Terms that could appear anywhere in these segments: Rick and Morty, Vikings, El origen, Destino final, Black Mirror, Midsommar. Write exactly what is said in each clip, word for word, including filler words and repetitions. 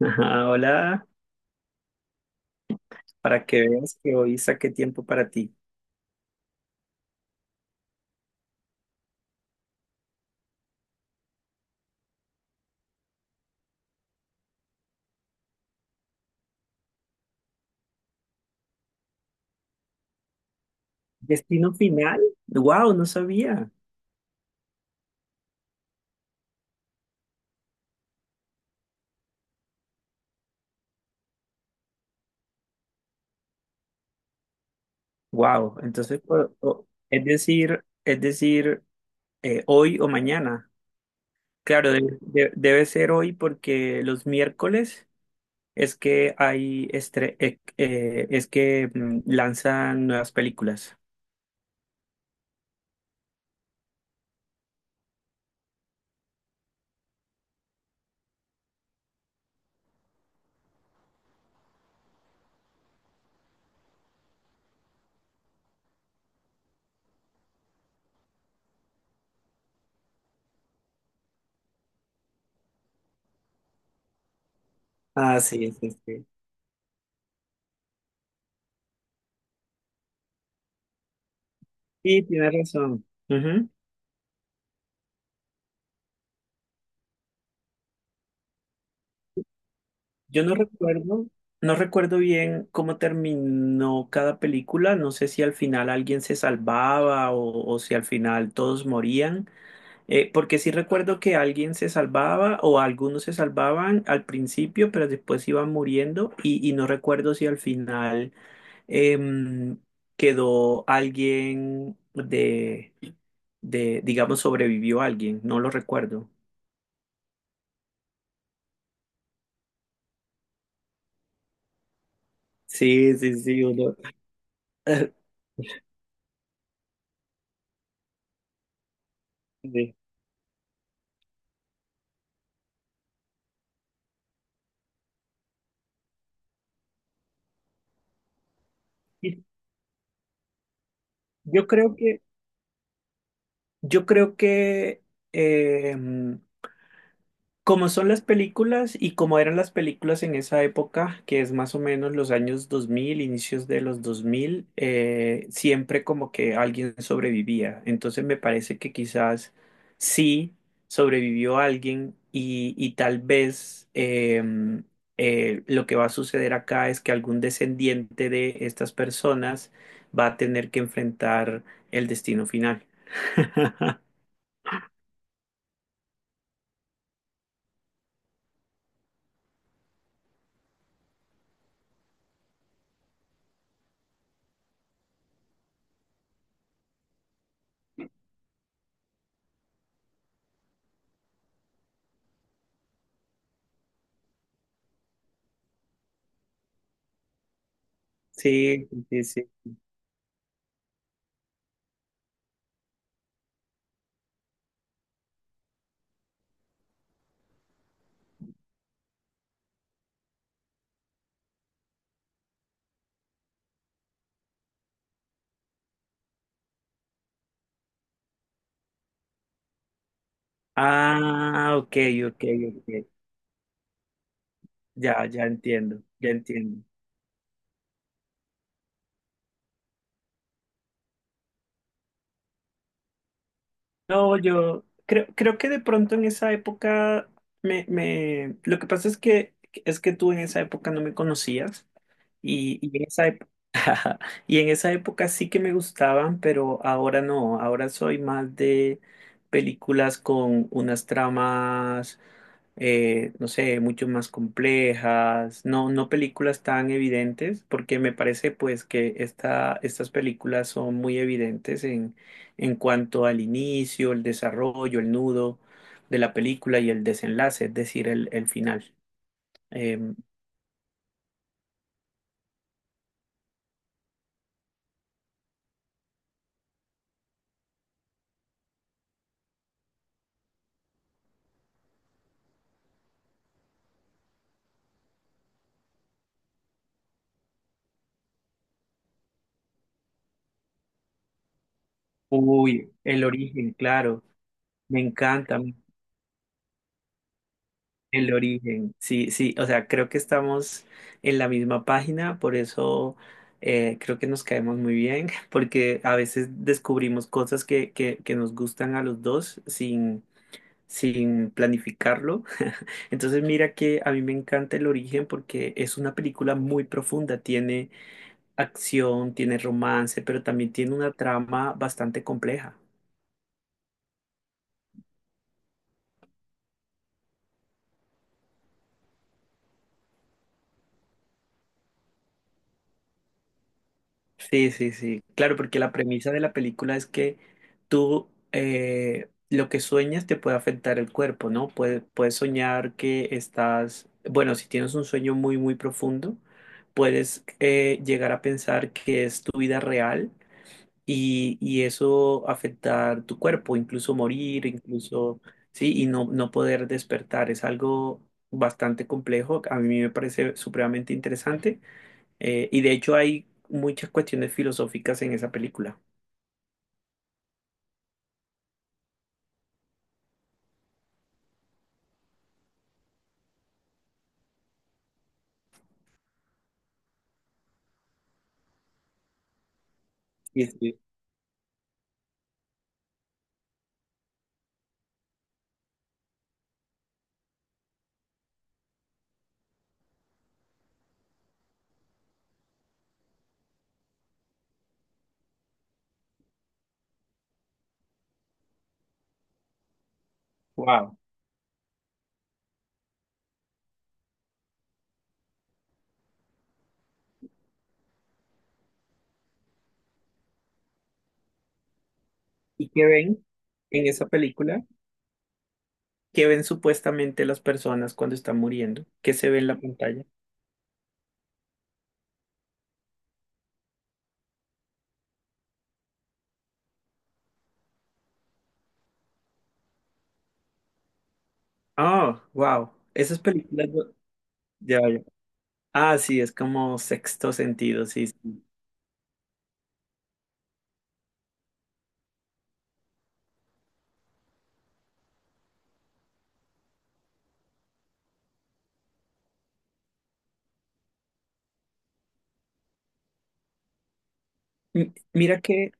Ah, hola, para que veas que hoy saqué tiempo para ti. ¿Destino final? Wow, no sabía. Wow, entonces, o- o- es decir, es decir, eh, hoy o mañana. Claro, de- de- debe ser hoy porque los miércoles es que hay estre- eh, eh, es que mm, lanzan nuevas películas. Ah, sí, sí, sí. Sí, tienes razón. Ujú. Yo no recuerdo, no recuerdo bien cómo terminó cada película. No sé si al final alguien se salvaba o, o si al final todos morían. Eh, porque sí recuerdo que alguien se salvaba o algunos se salvaban al principio, pero después iban muriendo. Y, y no recuerdo si al final em, quedó alguien de, de, digamos, sobrevivió alguien. No lo recuerdo. Sí, sí, sí, uno- Sí. Y Yo creo que Yo creo que em, como son las películas y como eran las películas en esa época, que es más o menos los años dos mil, inicios de los dos mil, eh, siempre como que alguien sobrevivía. Entonces me parece que quizás sí sobrevivió alguien y, y tal vez em, eh, lo que va a suceder acá es que algún descendiente de estas personas va a tener que enfrentar el destino final. Sí, sí, sí. Ah, ok, ok, ok. Ya, ya entiendo, ya entiendo. No, yo creo, creo que de pronto en esa época me, me, lo que pasa es que es que tú en esa época no me conocías y, y en esa época y en esa época sí que me gustaban, pero ahora no. Ahora soy más de películas con unas tramas. Eh, no sé, mucho más complejas, no, no películas tan evidentes, porque me parece pues que esta, estas películas son muy evidentes en, en cuanto al inicio, el desarrollo, el nudo de la película y el desenlace, es decir, el, el final. Eh, uy, el origen, claro, me encanta. El origen, sí, sí, o sea, creo que estamos en la misma página, por eso eh, creo que nos caemos muy bien, porque a veces descubrimos cosas que, que, que nos gustan a los dos sin, sin planificarlo. Entonces mira que a mí me encanta El origen porque es una película muy profunda, tiene acción, tiene romance, pero también tiene una trama bastante compleja. Sí, sí, sí. Claro, porque la premisa de la película es que tú eh, lo que sueñas te puede afectar el cuerpo, ¿no? Puedes, puedes soñar que estás, bueno, si tienes un sueño muy, muy profundo, puedes eh, llegar a pensar que es tu vida real y, y eso afectar tu cuerpo, incluso morir, incluso, sí, y no, no poder despertar. Es algo bastante complejo. A mí me parece supremamente interesante. Eh, y de hecho hay muchas cuestiones filosóficas en esa película. Y es que, wow. ¿Y qué ven en esa película? ¿Qué ven supuestamente las personas cuando están muriendo? ¿Qué se ve en la pantalla? Oh, wow. Esas películas. no- Ya, ya. Ah, sí, es como sexto sentido, sí. Sí. M- Mira que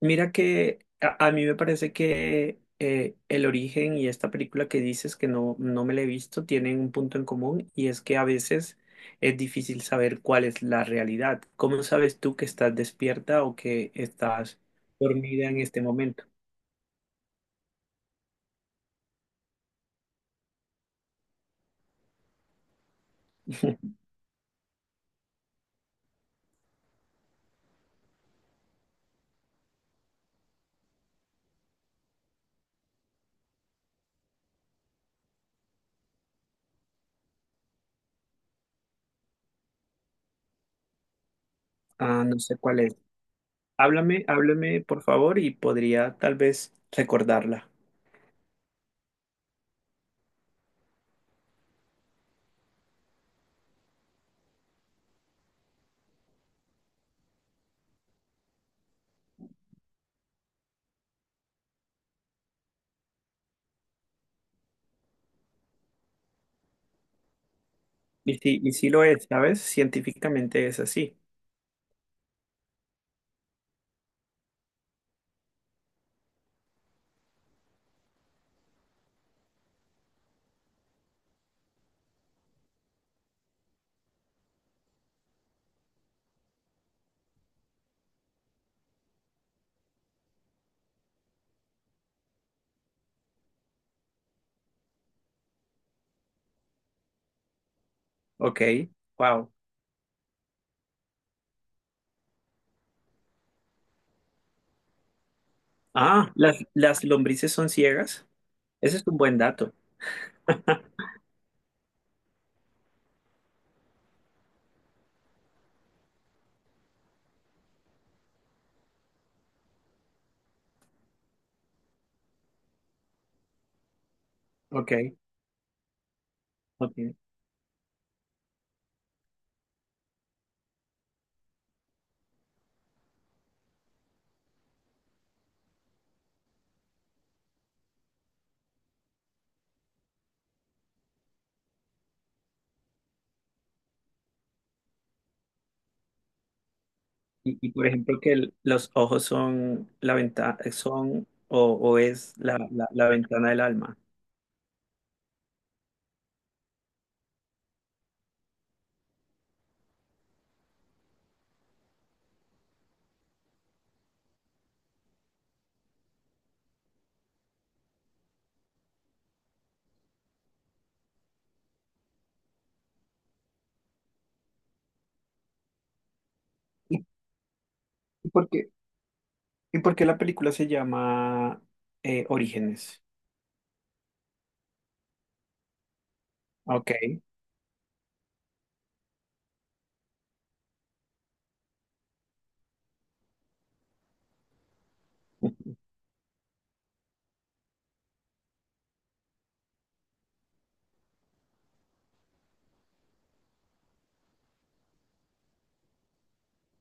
Mira que a, a mí me parece que eh, El Origen y esta película que dices que no, no me la he visto tienen un punto en común y es que a veces es difícil saber cuál es la realidad. ¿Cómo sabes tú que estás despierta o que estás dormida en este momento? Ah, no sé cuál es. Háblame, háblame por favor y podría tal vez recordarla. Y sí, y sí lo es, ¿sabes? Científicamente es así. Ok, wow. Ah, las, las lombrices son ciegas. Ese es un buen dato. Ok, ok. Y, y, por ejemplo, que el- los ojos son la ventana, son o, o es la, la- la ventana del alma. ¿Y y por qué, y por qué la película se llama eh, Orígenes? Ok,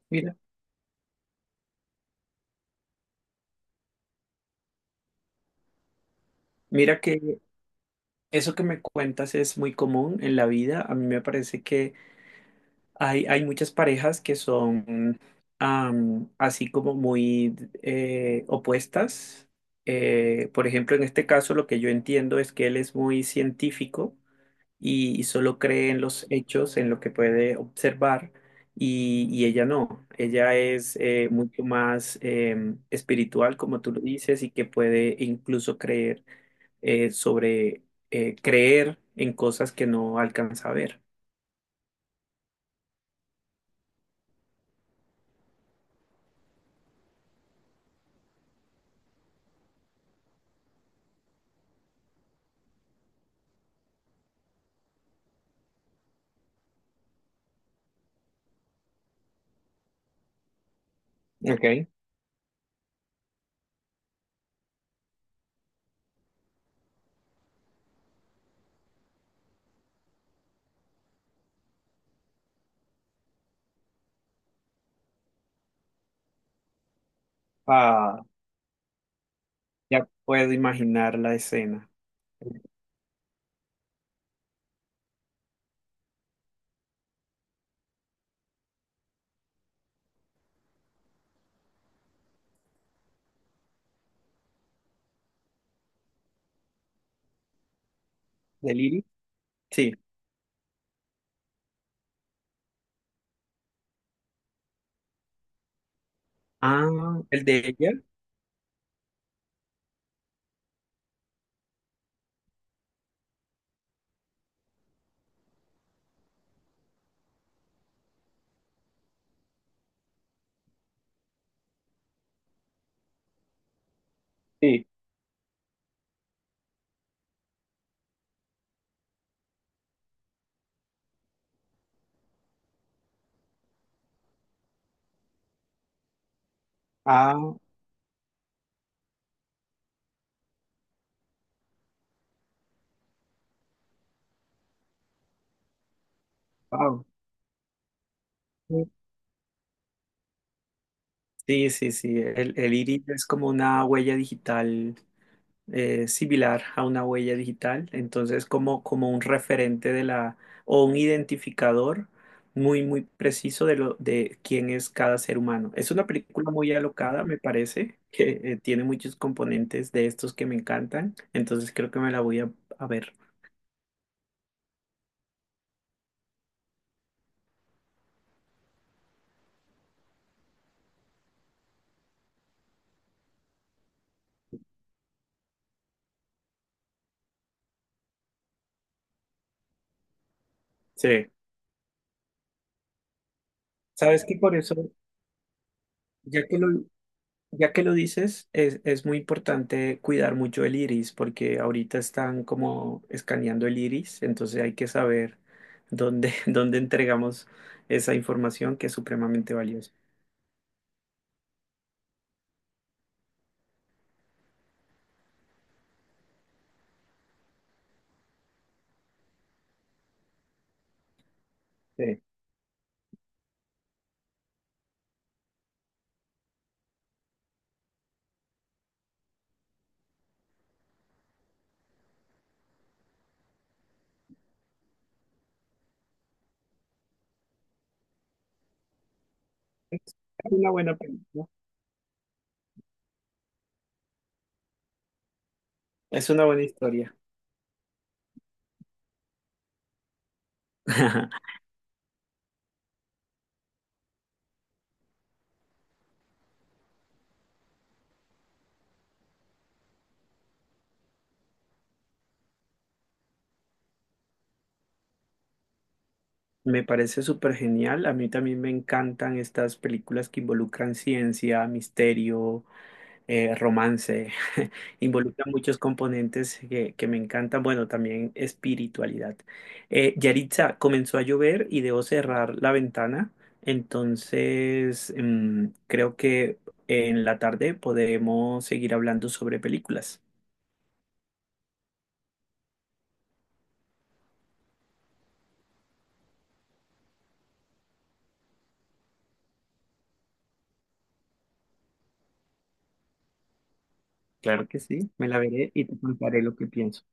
mira, mira que eso que me cuentas es muy común en la vida. A mí me parece que Hay, hay muchas parejas que son am, así como muy eh, opuestas. Eh, por ejemplo, en este caso lo que yo entiendo es que él es muy científico y, y solo cree en los hechos, en lo que puede observar, y, y ella no. Ella es eh, mucho más em, espiritual, como tú lo dices, y que puede incluso creer eh, sobre eh, creer en cosas que no alcanza a ver. Ok. Ah, Ya puedo imaginar la escena. ¿El ¿Del Iris? Sí. Ah, ¿el de ella? Sí. Ah, wow. Sí, sí, sí. El, el iris es como una huella digital eh, similar a una huella digital, entonces como, como un referente de la o un identificador muy, muy preciso de lo de quién es cada ser humano. Es una película muy alocada, me parece, que eh, tiene muchos componentes de estos que me encantan, entonces creo que me la voy a, a ver. Sí. Sabes que por eso, ya que lo, ya que lo dices, es, es muy importante cuidar mucho el iris, porque ahorita están como escaneando el iris, entonces hay que saber dónde, dónde entregamos esa información que es supremamente valiosa. Sí. Es una buena película. Es una buena historia. Me parece súper genial. A mí también me encantan estas películas que involucran ciencia, misterio, eh, romance. Involucra muchos componentes que, que me encantan. Bueno, también espiritualidad. Eh, Yaritza, comenzó a llover y debo cerrar la ventana. Entonces, mm, creo que en la tarde podemos seguir hablando sobre películas. Claro que sí, me la veré y te contaré lo que pienso.